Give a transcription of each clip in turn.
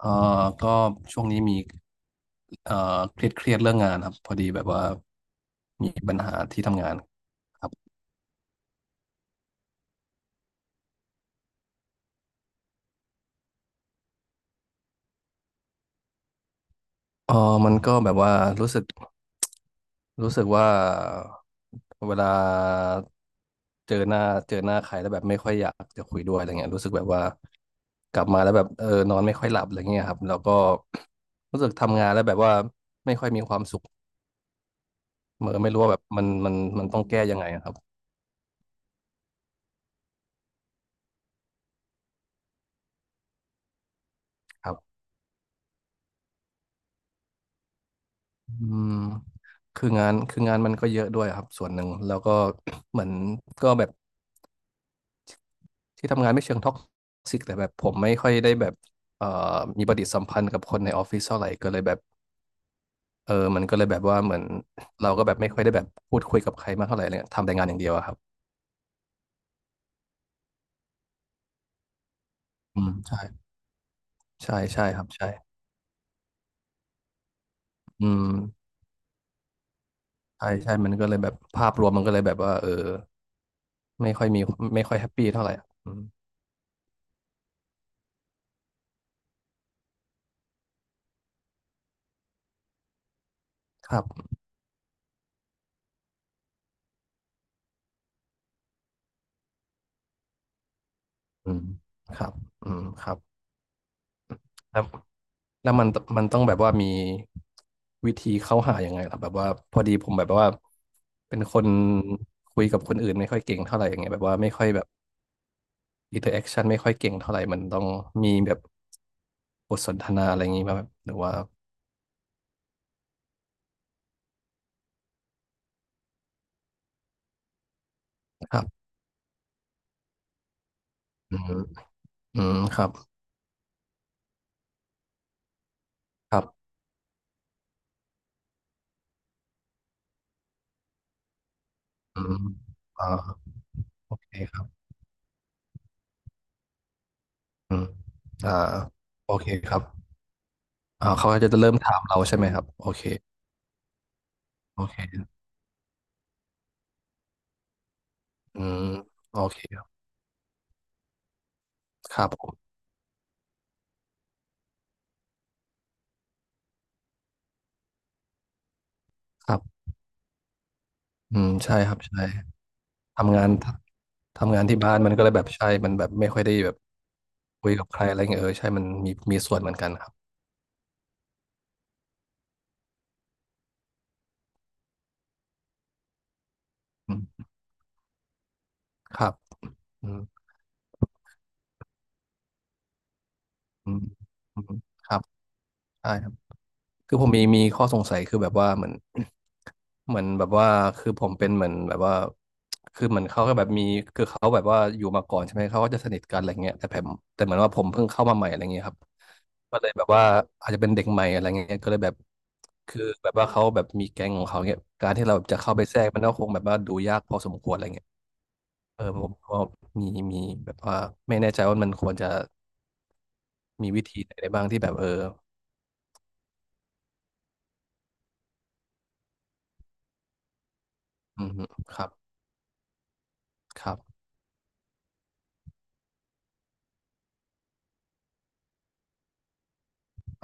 เอ่อก็ช่วงนี้มีเครียดเครียดเรื่องงานครับพอดีแบบว่ามีปัญหาที่ทำงานครับเออมันก็แบบว่ารู้สึกรู้สึกว่าเวลาเจอหน้าเจอหน้าใครแล้วแบบไม่ค่อยอยากจะคุยด้วยอะไรเงี้ยรู้สึกแบบว่ากลับมาแล้วแบบเออนอนไม่ค่อยหลับอะไรเงี้ยครับแล้วก็ รู้สึกทำงานแล้วแบบว่าไม่ค่อยมีความสุขเออไม่รู้ว่าแบบมันต้องแก้ยังไงอะครับครับ อืมคืองานมันก็เยอะด้วยครับส่วนหนึ่งแล้วก็ เหมือนก็แบบที่ทำงานไม่เชิงท็อกซิกแต่แบบผมไม่ค่อยได้แบบเอ่อมีปฏิสัมพันธ์กับคนในออฟฟิศเท่าไหร่ก็เลยแบบเออมันก็เลยแบบว่าเหมือนเราก็แบบไม่ค่อยได้แบบพูดคุยกับใครมากเท่าไหร่เลยทำแต่งานอย่างเดียวอะครับอืมใช่ใช่ใช่ครับใช่อืมใช่ใช่มันก็เลยแบบภาพรวมมันก็เลยแบบว่าเออไม่ค่อยมีไม่ค่อยแฮปปี้เท่าไหร่อืมครับอืมครับอืมครับแล้ว แล้วมันต้องแบบว่ามีวิธีเข้าหายังไงล่ะแบบว่าพอดีผมแบบว่าเป็นคนคุยกับคนอื่นไม่ค่อยเก่งเท่าไหร่อย่างเงี้ยแบบว่าไม่ค่อยแบบอินเตอร์แอคชั่นไม่ค่อยเก่งเท่าไหร่มันต้องมีแบบบทสนทนาอะไรอย่างงี้มาแบบหรือว่าครับอืมอืมครับครับอืมอ่าโอเคครับอืมอ่าโอเคครับอ่าเขาก็จะเริ่มถามเราใช่ไหมครับโอเคโอเคอืมโอเคครับครับผมครับอืมใช่ครับใช่ ทำงานทำงานที่บ้านมันก็เลยแบบใช่ มันแบบไม่ค่อยได้แบบคุยกับใครอะไรเงี้ยเออใช่มันมีส่วนเหมือนกันครับอืมครับอืมอืมอืมครับ ใช่ครับ คือผมมีข้อสงสัยคือแบบว่าเหมือน เหมือนแบบว่าคือผมเป็นเหมือนแบบว่าคือเหมือนเขาก็แบบมีคือเขาแบบว่าอยู่มาก่อนใช่ไหมเขาก็จะสนิทกันอะไรเงี้ยแต่ผมแต่เหมือนว่าผมเพิ่งเข้ามาใหม่อะไรเงี้ยครับก็เลยแบบว่าอาจจะเป็นเด็กใหม่อะไรเงี้ยก็เลยแบบคือแบบว่าเขาแบบมีแก๊งของเขาเงี้ยการที่เราจะเข้าไปแทรกมันก็คงแบบว่าดูยากพอสมควรอะไรเงี้ยเออผมก็มีมีแบบว่าไม่แน่ใจว่ามันควรจะมีวิธีไหนได้บ้างที่แบบเอออืมครับครับ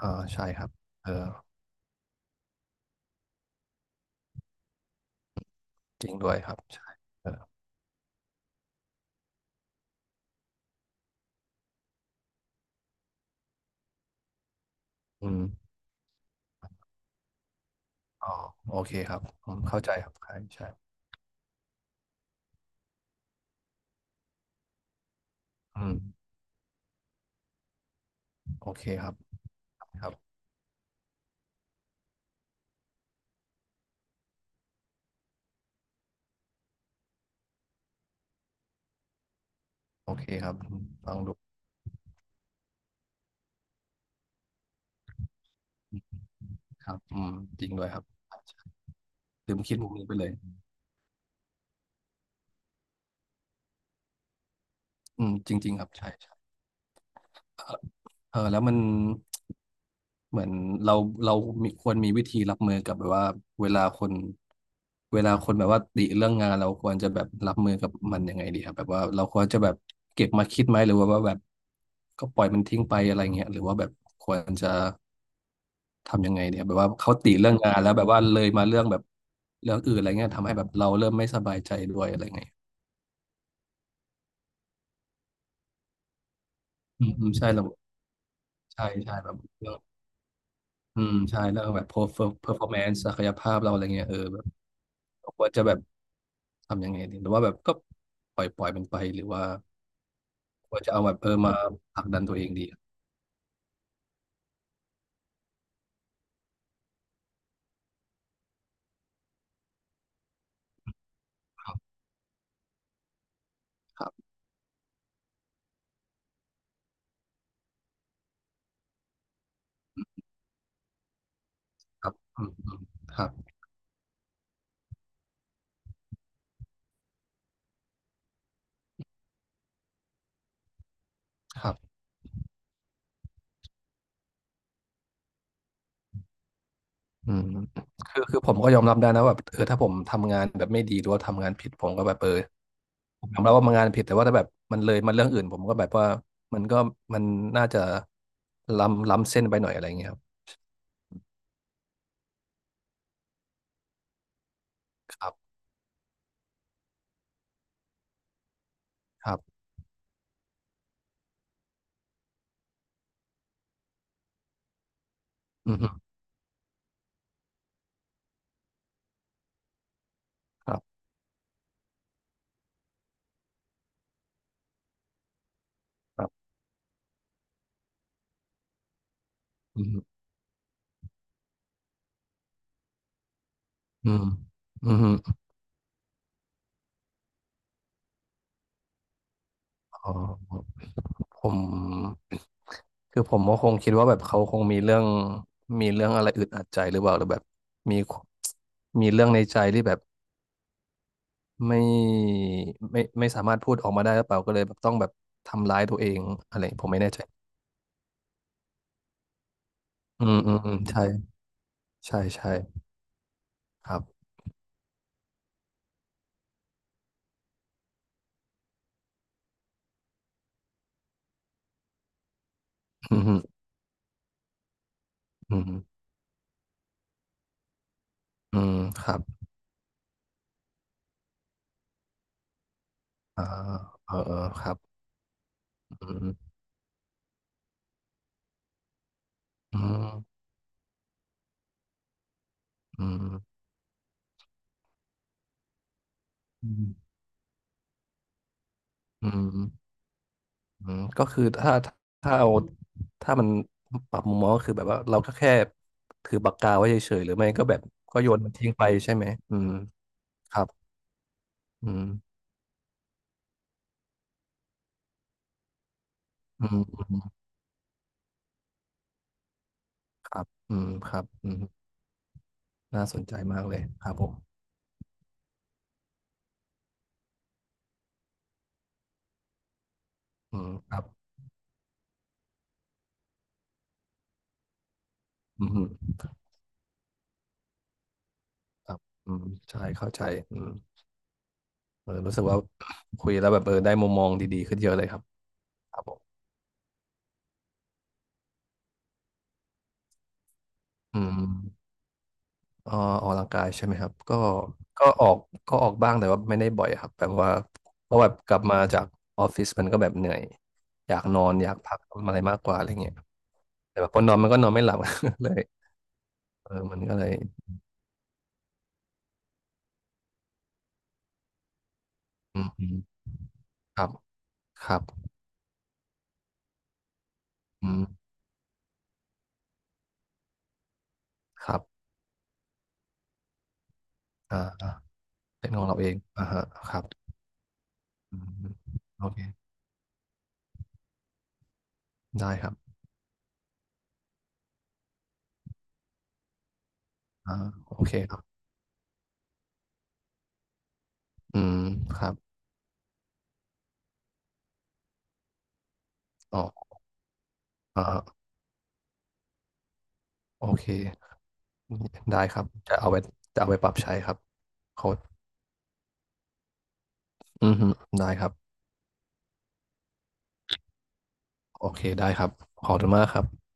อ่าใช่ครับเออ จริงด้วยครับใช่เอออืมอ๋อโอเคครับอืมเข้าใจครับใช่ใช่อืมโอเคครับครับโอเคครับอืมฟังดูครับอืมจริงด้วยครับใช่ลืมคิดมุมนี้ไปเลยอืมจริงๆครับใช่ใช่ เออแล้วมันเหมือนเราเราควรมีวิธีรับมือกับแบบว่าเวลาคนเวลาคนแบบว่าติเรื่องงานเราควรจะแบบรับมือกับมันยังไงดีครับแบบว่าเราควรจะแบบเก็บมาคิดไหมหรือว่าแบบก็ปล่อยมันทิ้งไปอะไรเงี้ยหรือว่าแบบควรจะทำยังไงเนี่ยแบบว่าเขาติเรื่องงานแล้วแบบว่าเลยมาเรื่องแบบเรื่องอื่นอะไรเงี้ยทำให้แบบเราเริ่มไม่สบายใจด้วยอะไรเงี้ยอืมอืมใช่เราใช่ใช่แบบ อืมใช่เรื่องแบบ performance ศักยภาพเราอะไรเงี้ยเออแบบควรจะแบบทำยังไงดีหรือว่าแบบก็ปล่อยมันไปหรือว่าควรจะเอาแบบเออมาผลักดันตัวเองดีครับครับอืมอืมครับครับอืมคือผมก็ยอมรับได้นะว่าแบบเออถ้าผมทำงานแบบไม่ดีหรือว่าทำงานผิดผมก็แบบเออผมยอมรับว่ามันงานผิดแต่ว่าถ้าแบบมันเลยมันเรื่องอื่นผมก็แบบว่ามันก็มันน่าจะล้ำเส้นไปหน่อยอะไรเงี้ยครับครับครับอืมครับครับอืม อืม อืมอ๋อผมคือผมก็คงคิดว่าแบบเขาคงมีเรื่องมีเรื่องอะไรอึดอัดใจหรือเปล่าหรือแบบมีมีเรื่องในใจที่แบบไม่ไม่สามารถพูดออกมาได้หรือเปล่าก็เลยแบบต้องแบบทำร้ายตัวเองอะไรผมไม่แน่ใจอืมอืมอืมใช่ใช่ ใช่ ครับ อืมอืมอืมครับอ่าเออเออครับ อืมอืมอืมอืมอืม อืมก็คือถ้าถ้าเอาถ้ามันปรับมุมมองก็คือแบบว่าเราก็แค่ถือปากกาไว้เฉยๆหรือไม่ก็แบบก็โยนมันทิ้งไปใช่ไหมอืมครับอืมอืมอืมครับอืมครับอืมน่าสนใจมากเลยครับผมอืมครับอืมครับอืมใช่เข้าใจอืมเออรู้สึกว่า คุยแล้วแบบเออได้มุมมองดีๆขึ้นเยอะเลยครับครับผมอืม เอ่อออกกำลังกายใช่ไหมครับก็ออกก็ออกบ้างแต่ว่าไม่ได้บ่อยครับแบบว่าเพราะแบบกลับมาจากออฟฟิศมันก็แบบเหนื่อยอยากนอนอยากพักทำอะไรมากกว่าอะไรเงี้ยแต่แบบพอนอนมันก็นอนไม่หลับ เลยเออมันก็เลยอืมอืมครับครับอืมครับอ่าอ่าเป็นของเราเองอ่าฮะครับอืมโอเคได้ครับอ่าโอเคครับอืมครับอ๋ออ่าฮะโอเคได้ครับจะเอาไปปรับใช้ครับขอบ อือฮึได้ครับ โอเค ได้ครับ ขอบคุณมากครับ